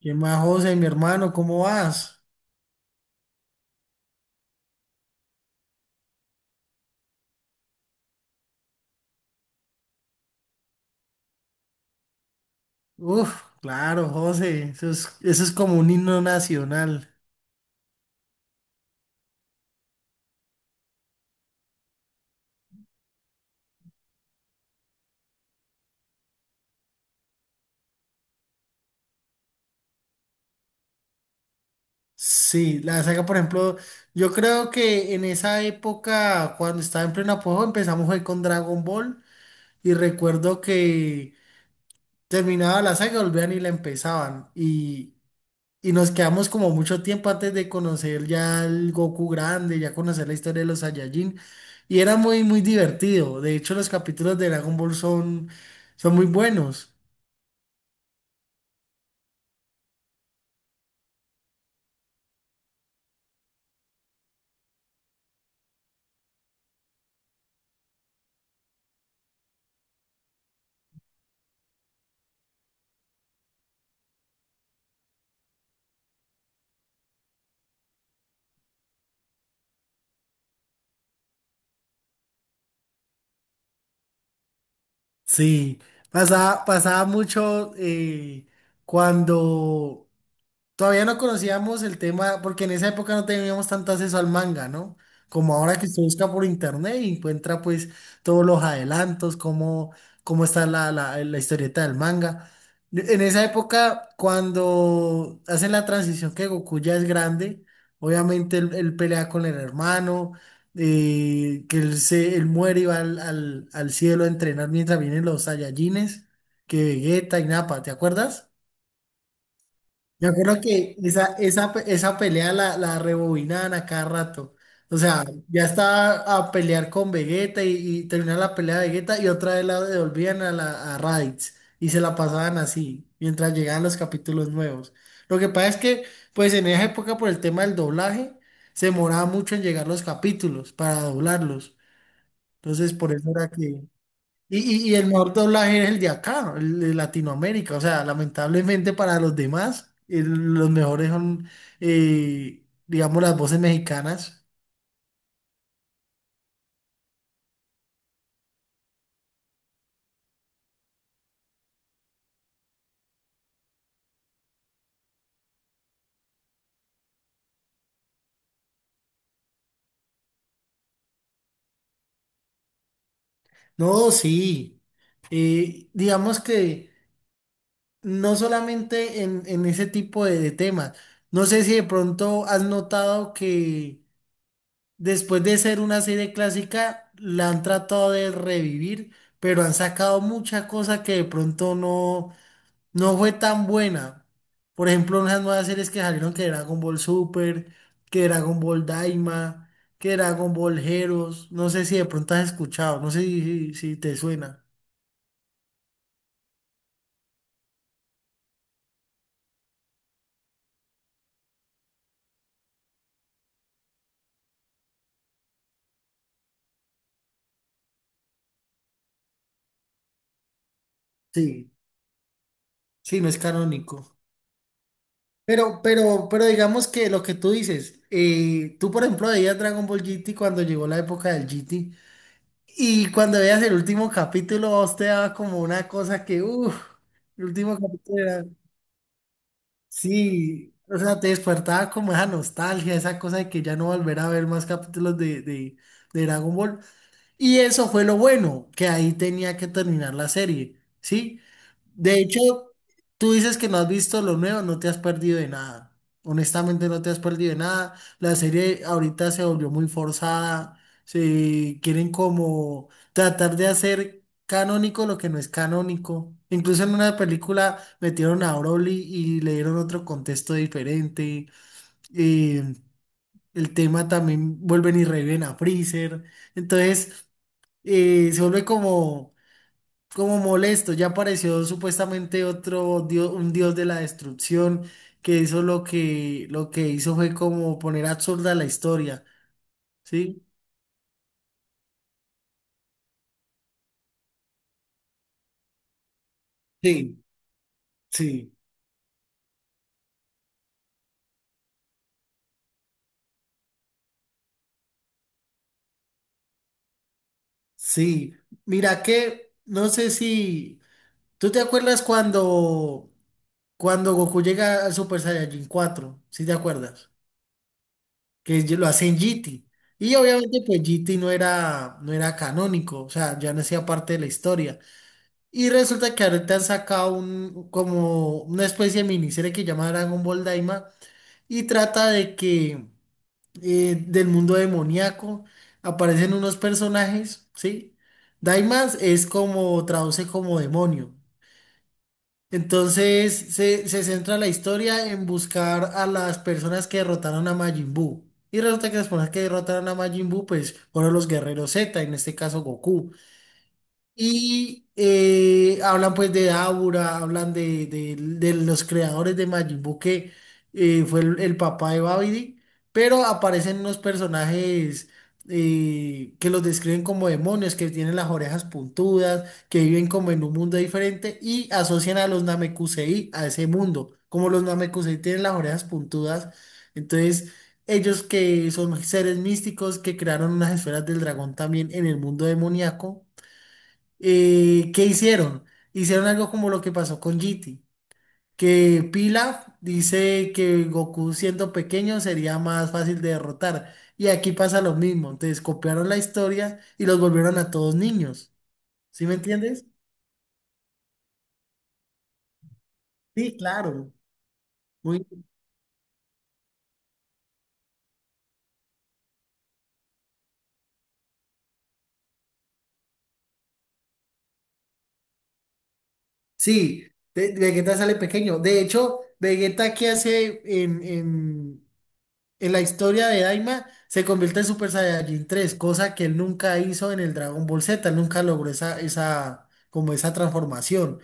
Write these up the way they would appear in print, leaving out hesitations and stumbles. ¿Qué más, José, mi hermano? ¿Cómo vas? Uf, claro, José, eso es como un himno nacional. Sí, la saga, por ejemplo, yo creo que en esa época, cuando estaba en pleno apogeo, empezamos fue con Dragon Ball y recuerdo que terminaba la saga, volvían y la empezaban. Y nos quedamos como mucho tiempo antes de conocer ya el Goku grande, ya conocer la historia de los Saiyajin. Y era muy, muy divertido. De hecho, los capítulos de Dragon Ball son muy buenos. Sí, pasaba, pasaba mucho cuando todavía no conocíamos el tema, porque en esa época no teníamos tanto acceso al manga, ¿no? Como ahora que se busca por internet y encuentra pues todos los adelantos, cómo, cómo está la historieta del manga. En esa época, cuando hacen la transición que Goku ya es grande, obviamente él pelea con el hermano, que él muere y va al cielo a entrenar mientras vienen los Saiyajines, que Vegeta y Nappa, ¿te acuerdas? Yo creo que esa pelea la rebobinaban a cada rato. O sea, ya estaba a pelear con Vegeta y terminaba la pelea de Vegeta y otra vez la devolvían a Raditz y se la pasaban así mientras llegaban los capítulos nuevos. Lo que pasa es que, pues en esa época por el tema del doblaje, se demoraba mucho en llegar los capítulos para doblarlos. Entonces, por eso era que... Y, y el mejor doblaje es el de acá, el de Latinoamérica. O sea, lamentablemente para los demás, los mejores son, digamos, las voces mexicanas. No, sí. Digamos que no solamente en ese tipo de temas. No sé si de pronto has notado que después de ser una serie clásica, la han tratado de revivir, pero han sacado mucha cosa que de pronto no fue tan buena. Por ejemplo, unas nuevas series que salieron que Dragon Ball Super, que Dragon Ball Daima, que Dragon Ball Heroes. No sé si de pronto has escuchado, no sé si, si- si te suena. Sí, sí, no es canónico. Pero digamos que lo que tú dices, tú por ejemplo veías Dragon Ball GT cuando llegó la época del GT y cuando veías el último capítulo a vos te daba como una cosa que, uff, el último capítulo era... Sí, o sea, te despertaba como esa nostalgia, esa cosa de que ya no volver a ver más capítulos de Dragon Ball. Y eso fue lo bueno, que ahí tenía que terminar la serie, ¿sí? De hecho, tú dices que no has visto lo nuevo, no te has perdido de nada. Honestamente, no te has perdido de nada. La serie ahorita se volvió muy forzada. Se quieren como tratar de hacer canónico lo que no es canónico. Incluso en una película metieron a Broly y le dieron otro contexto diferente. Eh, el tema también vuelven y reviven a Freezer. Entonces, se vuelve como molesto. Ya apareció supuestamente otro dios, un dios de la destrucción que hizo lo que hizo fue como poner absurda la historia, ¿sí? Sí, sí, sí. Mira que, no sé si, ¿tú te acuerdas cuando Goku llega al Super Saiyajin cuatro? ¿Sí te acuerdas? Que lo hacen GT. Y obviamente pues GT no era, no era canónico, o sea, ya no hacía parte de la historia. Y resulta que ahorita han sacado como una especie de miniserie que llama Dragon Ball Daima y trata de que del mundo demoníaco aparecen unos personajes, ¿sí? Daima es como, traduce como demonio. Entonces se centra la historia en buscar a las personas que derrotaron a Majin Buu. Y resulta que las personas que derrotaron a Majin Buu pues fueron los guerreros Z, en este caso Goku. Y hablan pues de Aura, hablan de los creadores de Majin Buu, que fue el papá de Babidi, pero aparecen unos personajes que los describen como demonios, que tienen las orejas puntudas, que viven como en un mundo diferente y asocian a los Namekusei a ese mundo. Como los Namekusei tienen las orejas puntudas, entonces ellos que son seres místicos que crearon unas esferas del dragón también en el mundo demoníaco ¿qué hicieron? Hicieron algo como lo que pasó con GT, que Pilaf dice que Goku siendo pequeño sería más fácil de derrotar. Y aquí pasa lo mismo, entonces copiaron la historia y los volvieron a todos niños. ¿Sí me entiendes? Sí, claro. Muy... Sí, de- Vegeta sale pequeño. De hecho, Vegeta que hace en la historia de Daima se convierte en Super Saiyajin 3, cosa que él nunca hizo en el Dragon Ball Z, él nunca logró como esa transformación.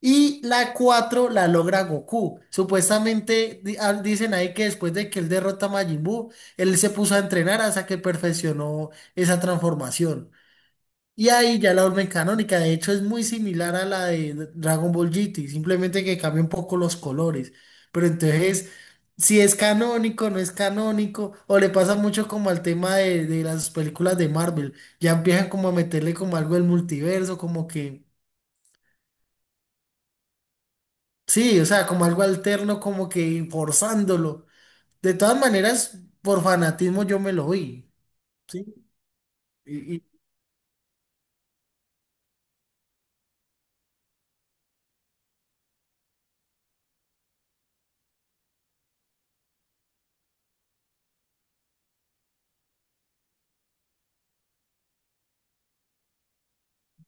Y la 4 la logra Goku. Supuestamente dicen ahí que después de que él derrota a Majin Buu, él se puso a entrenar hasta que perfeccionó esa transformación. Y ahí ya la vuelven canónica, de hecho es muy similar a la de Dragon Ball GT, simplemente que cambia un poco los colores. Pero entonces, si es canónico, no es canónico, o le pasa mucho como al tema de las películas de Marvel, ya empiezan como a meterle como algo del multiverso, como que, sí, o sea, como algo alterno, como que forzándolo. De todas maneras, por fanatismo yo me lo vi, ¿sí? Y, y-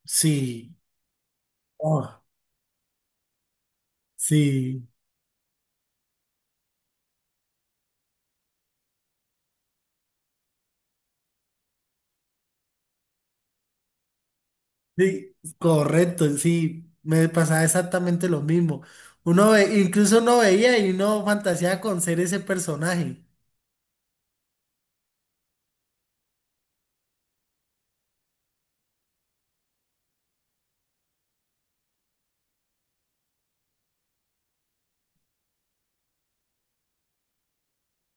sí, oh, sí. Sí, correcto, sí, me pasaba exactamente lo mismo. Uno ve, incluso uno veía y uno fantaseaba con ser ese personaje.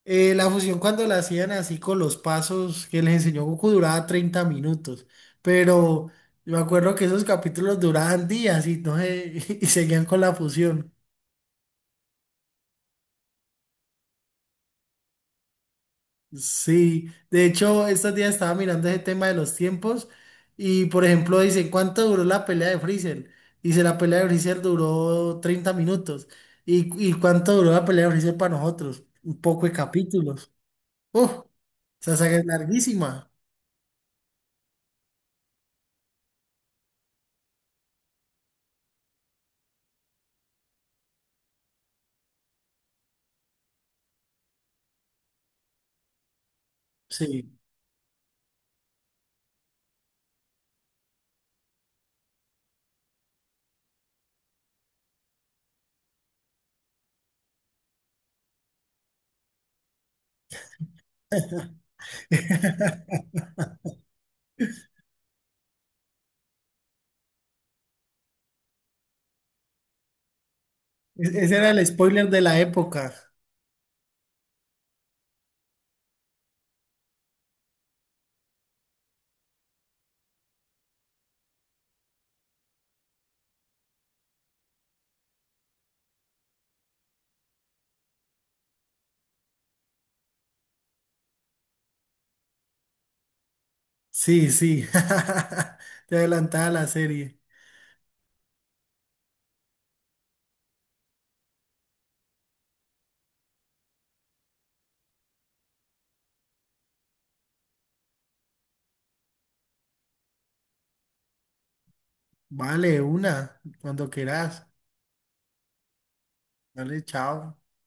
La fusión cuando la hacían así con los pasos que les enseñó Goku duraba 30 minutos, pero yo me acuerdo que esos capítulos duraban días y no sé, y seguían con la fusión. Sí, de hecho, estos días estaba mirando ese tema de los tiempos y, por ejemplo, dicen, ¿cuánto duró la pelea de Freezer? Dice, la pelea de Freezer duró 30 minutos. Y cuánto duró la pelea de Freezer para nosotros? Un poco de capítulos. Uf, esa saga es larguísima. Sí. E- ese era el spoiler de la época. Sí, sí. Te adelantaba la serie. Vale, una, cuando quieras. Vale, chao.